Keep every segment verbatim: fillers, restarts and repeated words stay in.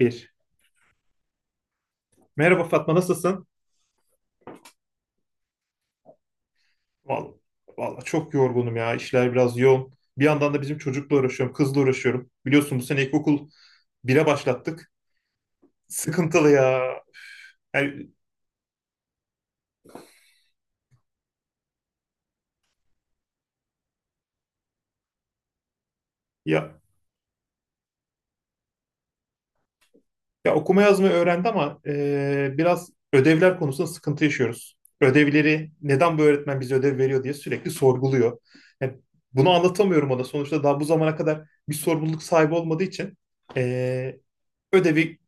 Bir. Merhaba Fatma, nasılsın? Vallahi, vallahi çok yorgunum ya. İşler biraz yoğun. Bir yandan da bizim çocukla uğraşıyorum. Kızla uğraşıyorum. Biliyorsun bu sene ilkokul bire başlattık. Sıkıntılı ya. Yani, ya, ya okuma yazmayı öğrendi ama e, biraz ödevler konusunda sıkıntı yaşıyoruz. Ödevleri neden bu öğretmen bize ödev veriyor diye sürekli sorguluyor. Yani bunu anlatamıyorum ona. Sonuçta daha bu zamana kadar bir sorumluluk sahibi olmadığı için e, ödevi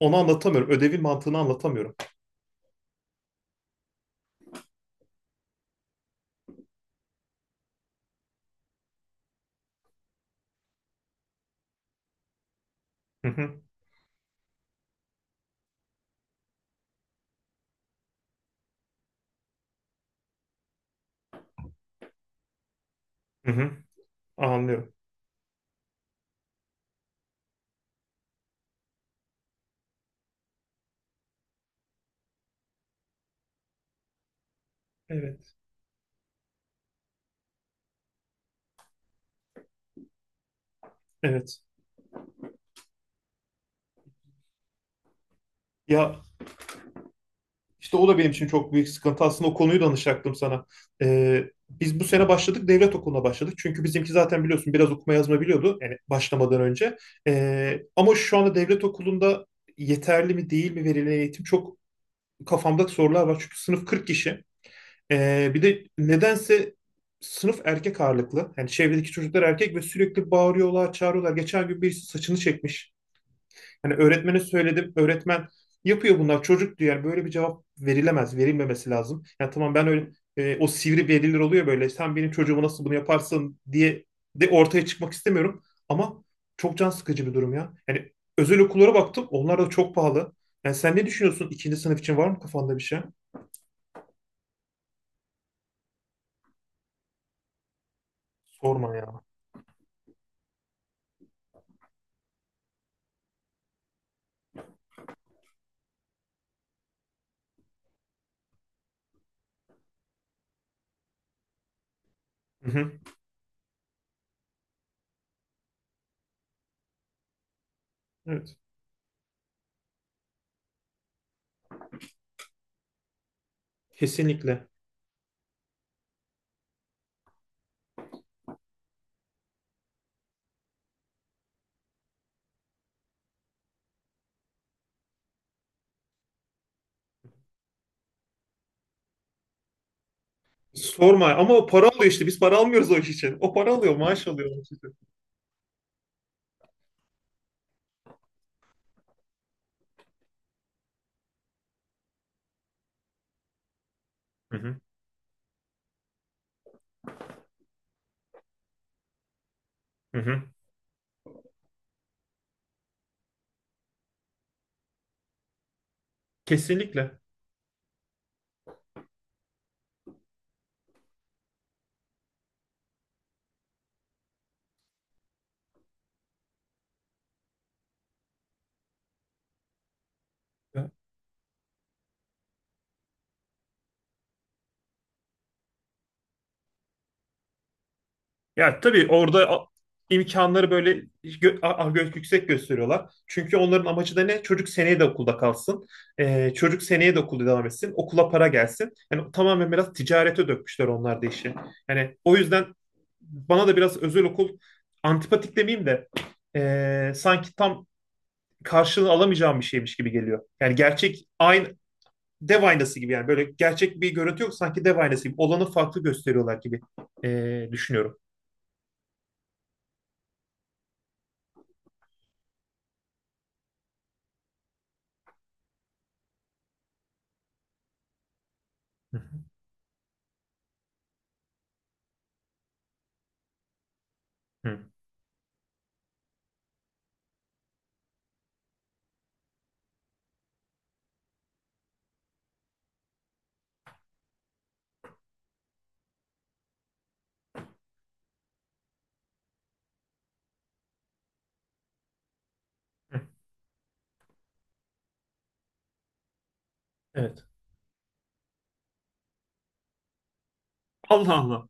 ona anlatamıyorum. Ödevin mantığını anlatamıyorum. Hı hı, hı hı. Anlıyorum. Evet, evet. Ya işte o da benim için çok büyük sıkıntı. Aslında o konuyu danışacaktım sana. Ee, biz bu sene başladık, devlet okuluna başladık. Çünkü bizimki zaten biliyorsun biraz okuma yazma biliyordu yani başlamadan önce. Ee, ama şu anda devlet okulunda yeterli mi değil mi verilen eğitim, çok kafamda sorular var. Çünkü sınıf kırk kişi. Ee, bir de nedense sınıf erkek ağırlıklı. Yani çevredeki çocuklar erkek ve sürekli bağırıyorlar, çağırıyorlar. Geçen gün birisi saçını çekmiş. Hani öğretmene söyledim. Öğretmen yapıyor bunlar, çocuk diyor. Yani böyle bir cevap verilemez, verilmemesi lazım. Yani tamam, ben öyle e, o sivri veliler oluyor böyle, sen benim çocuğuma nasıl bunu yaparsın diye de ortaya çıkmak istemiyorum. Ama çok can sıkıcı bir durum ya. Yani özel okullara baktım. Onlar da çok pahalı. Yani sen ne düşünüyorsun? İkinci sınıf için var mı kafanda bir şey? Sorma ya. Hı hı. Evet. Kesinlikle. Sorma, ama o para alıyor işte. Biz para almıyoruz o iş için. O para alıyor, maaş alıyor o iş için. Hı hı. Hı hı. Kesinlikle. Ya, Ya tabii orada a- imkanları böyle gö- a- a- gö- yüksek gösteriyorlar. Çünkü onların amacı da ne? Çocuk seneye de okulda kalsın. Ee, çocuk seneye de okulda devam etsin. Okula para gelsin. Yani tamamen biraz ticarete dökmüşler onlar da işi. Yani o yüzden bana da biraz özel okul antipatik demeyeyim de ee, sanki tam karşılığını alamayacağım bir şeymiş gibi geliyor. Yani gerçek aynı dev aynası gibi, yani böyle gerçek bir görüntü yok, sanki dev aynası gibi olanı farklı gösteriyorlar gibi e, düşünüyorum. Hı hı. Hı. Evet. Allah Allah.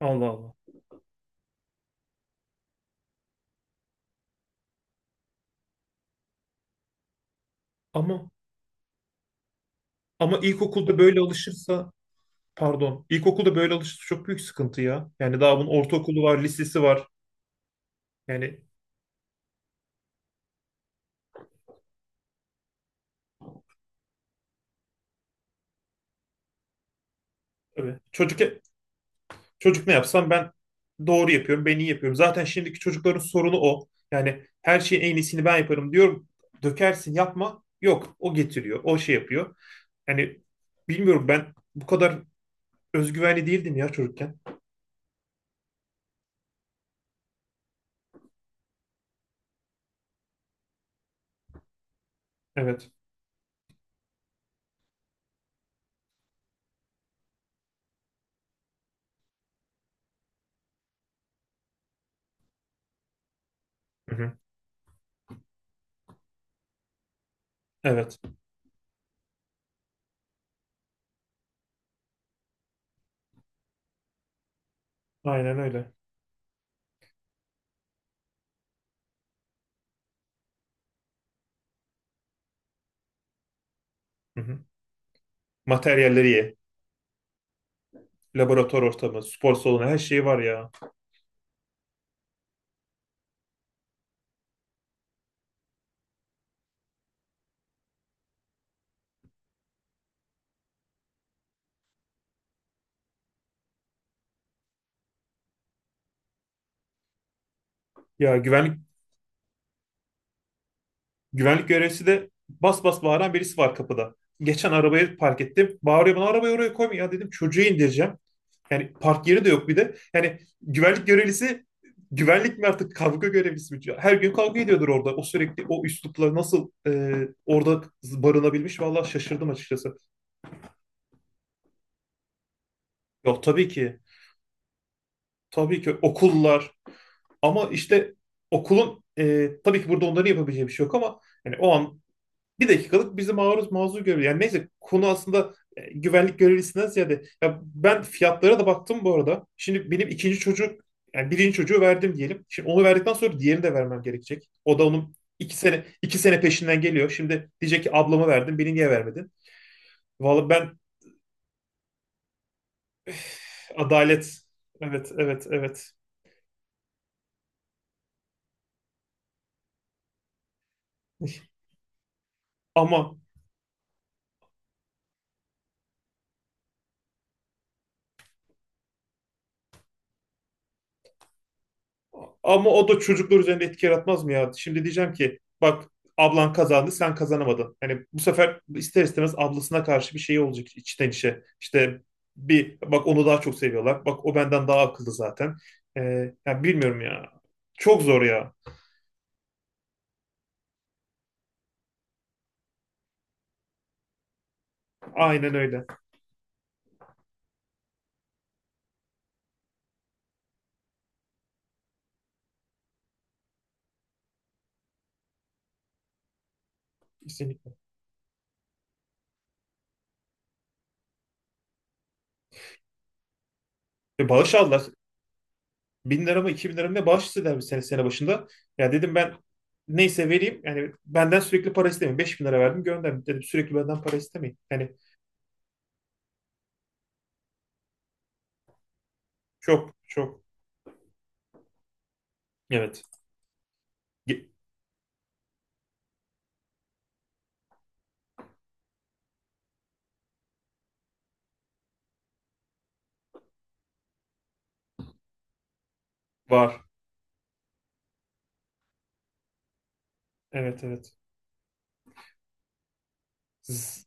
Allah Allah. Ama ama ilkokulda böyle alışırsa pardon ilkokulda böyle alışırsa çok büyük sıkıntı ya. Yani daha bunun ortaokulu var, lisesi var. Yani tabii. Çocuk Çocuk ne yapsam ben doğru yapıyorum, ben iyi yapıyorum. Zaten şimdiki çocukların sorunu o. Yani her şeyin en iyisini ben yaparım diyorum. Dökersin, yapma. Yok, o getiriyor, o şey yapıyor. Yani bilmiyorum, ben bu kadar özgüvenli değildim ya çocukken. Evet. Hı hı. Evet. Aynen öyle. Hı hı. Materyalleri ye. Laboratuvar ortamı, spor salonu her şey var ya. Ya güvenlik Güvenlik görevlisi de bas bas bağıran birisi var kapıda. Geçen arabayı park ettim. Bağırıyor bana, arabayı oraya koyma ya dedim, çocuğu indireceğim. Yani park yeri de yok bir de. Yani güvenlik görevlisi güvenlik mi artık, kavga görevlisi mi? Her gün kavga ediyordur orada. O sürekli o üslupla nasıl e, orada barınabilmiş, vallahi şaşırdım açıkçası. Yok tabii ki. Tabii ki okullar, ama işte okulun e, tabii ki burada onların yapabileceği bir şey yok, ama yani o an bir dakikalık bizi maruz mazur görüyor. Yani neyse, konu aslında e, güvenlik görevlisinden ziyade. Ya ben fiyatlara da baktım bu arada. Şimdi benim ikinci çocuk, yani birinci çocuğu verdim diyelim. Şimdi onu verdikten sonra diğerini de vermem gerekecek. O da onun iki sene, iki sene peşinden geliyor. Şimdi diyecek ki ablama verdim beni niye vermedin? Vallahi ben adalet, evet, evet, evet, ama. Ama o da çocuklar üzerinde etki yaratmaz mı ya? Şimdi diyeceğim ki bak, ablan kazandı sen kazanamadın. Hani bu sefer ister istemez ablasına karşı bir şey olacak içten içe. İşte bir bak, onu daha çok seviyorlar. Bak, o benden daha akıllı zaten. Ee, ya bilmiyorum ya. Çok zor ya. Aynen öyle. Kesinlikle. Ve bağış aldılar. Bin lira mı iki bin lira mı ne bağış istediler bir sene, sene başında. Ya dedim ben, neyse vereyim. Yani benden sürekli para istemeyin. Beş bin lira verdim, gönderdim. Dedim, sürekli benden para istemeyin. Yani çok çok. Evet. Ge- Var. Evet evet. Z-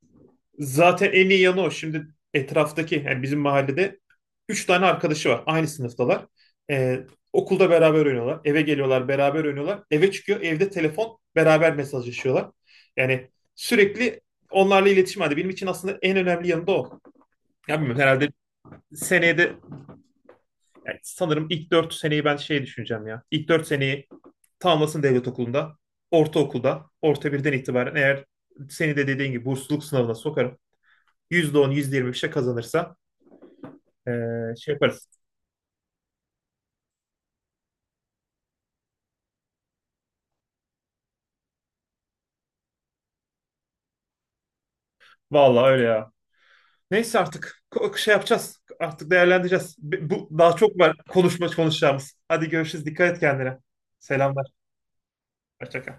zaten en iyi yanı o. Şimdi etraftaki, yani bizim mahallede üç tane arkadaşı var. Aynı sınıftalar. Ee, okulda beraber oynuyorlar. Eve geliyorlar, beraber oynuyorlar. Eve çıkıyor, evde telefon beraber mesajlaşıyorlar. Yani sürekli onlarla iletişim halinde. Benim için aslında en önemli yanı da o. Ya bilmiyorum, herhalde seneye de. Yani sanırım ilk dört seneyi ben şey düşüneceğim ya. İlk dört seneyi tamamlasın devlet okulunda. Ortaokulda, orta birden itibaren eğer seni de dediğin gibi bursluluk sınavına sokarım. Yüzde on, yüzde yirmi bir şey kazanırsa eee, şey yaparız. Vallahi öyle ya. Neyse artık ko- şey yapacağız. Artık değerlendireceğiz. Bu daha çok var konuşma konuşacağımız. Hadi görüşürüz. Dikkat et kendine. Selamlar. Hoşça kal.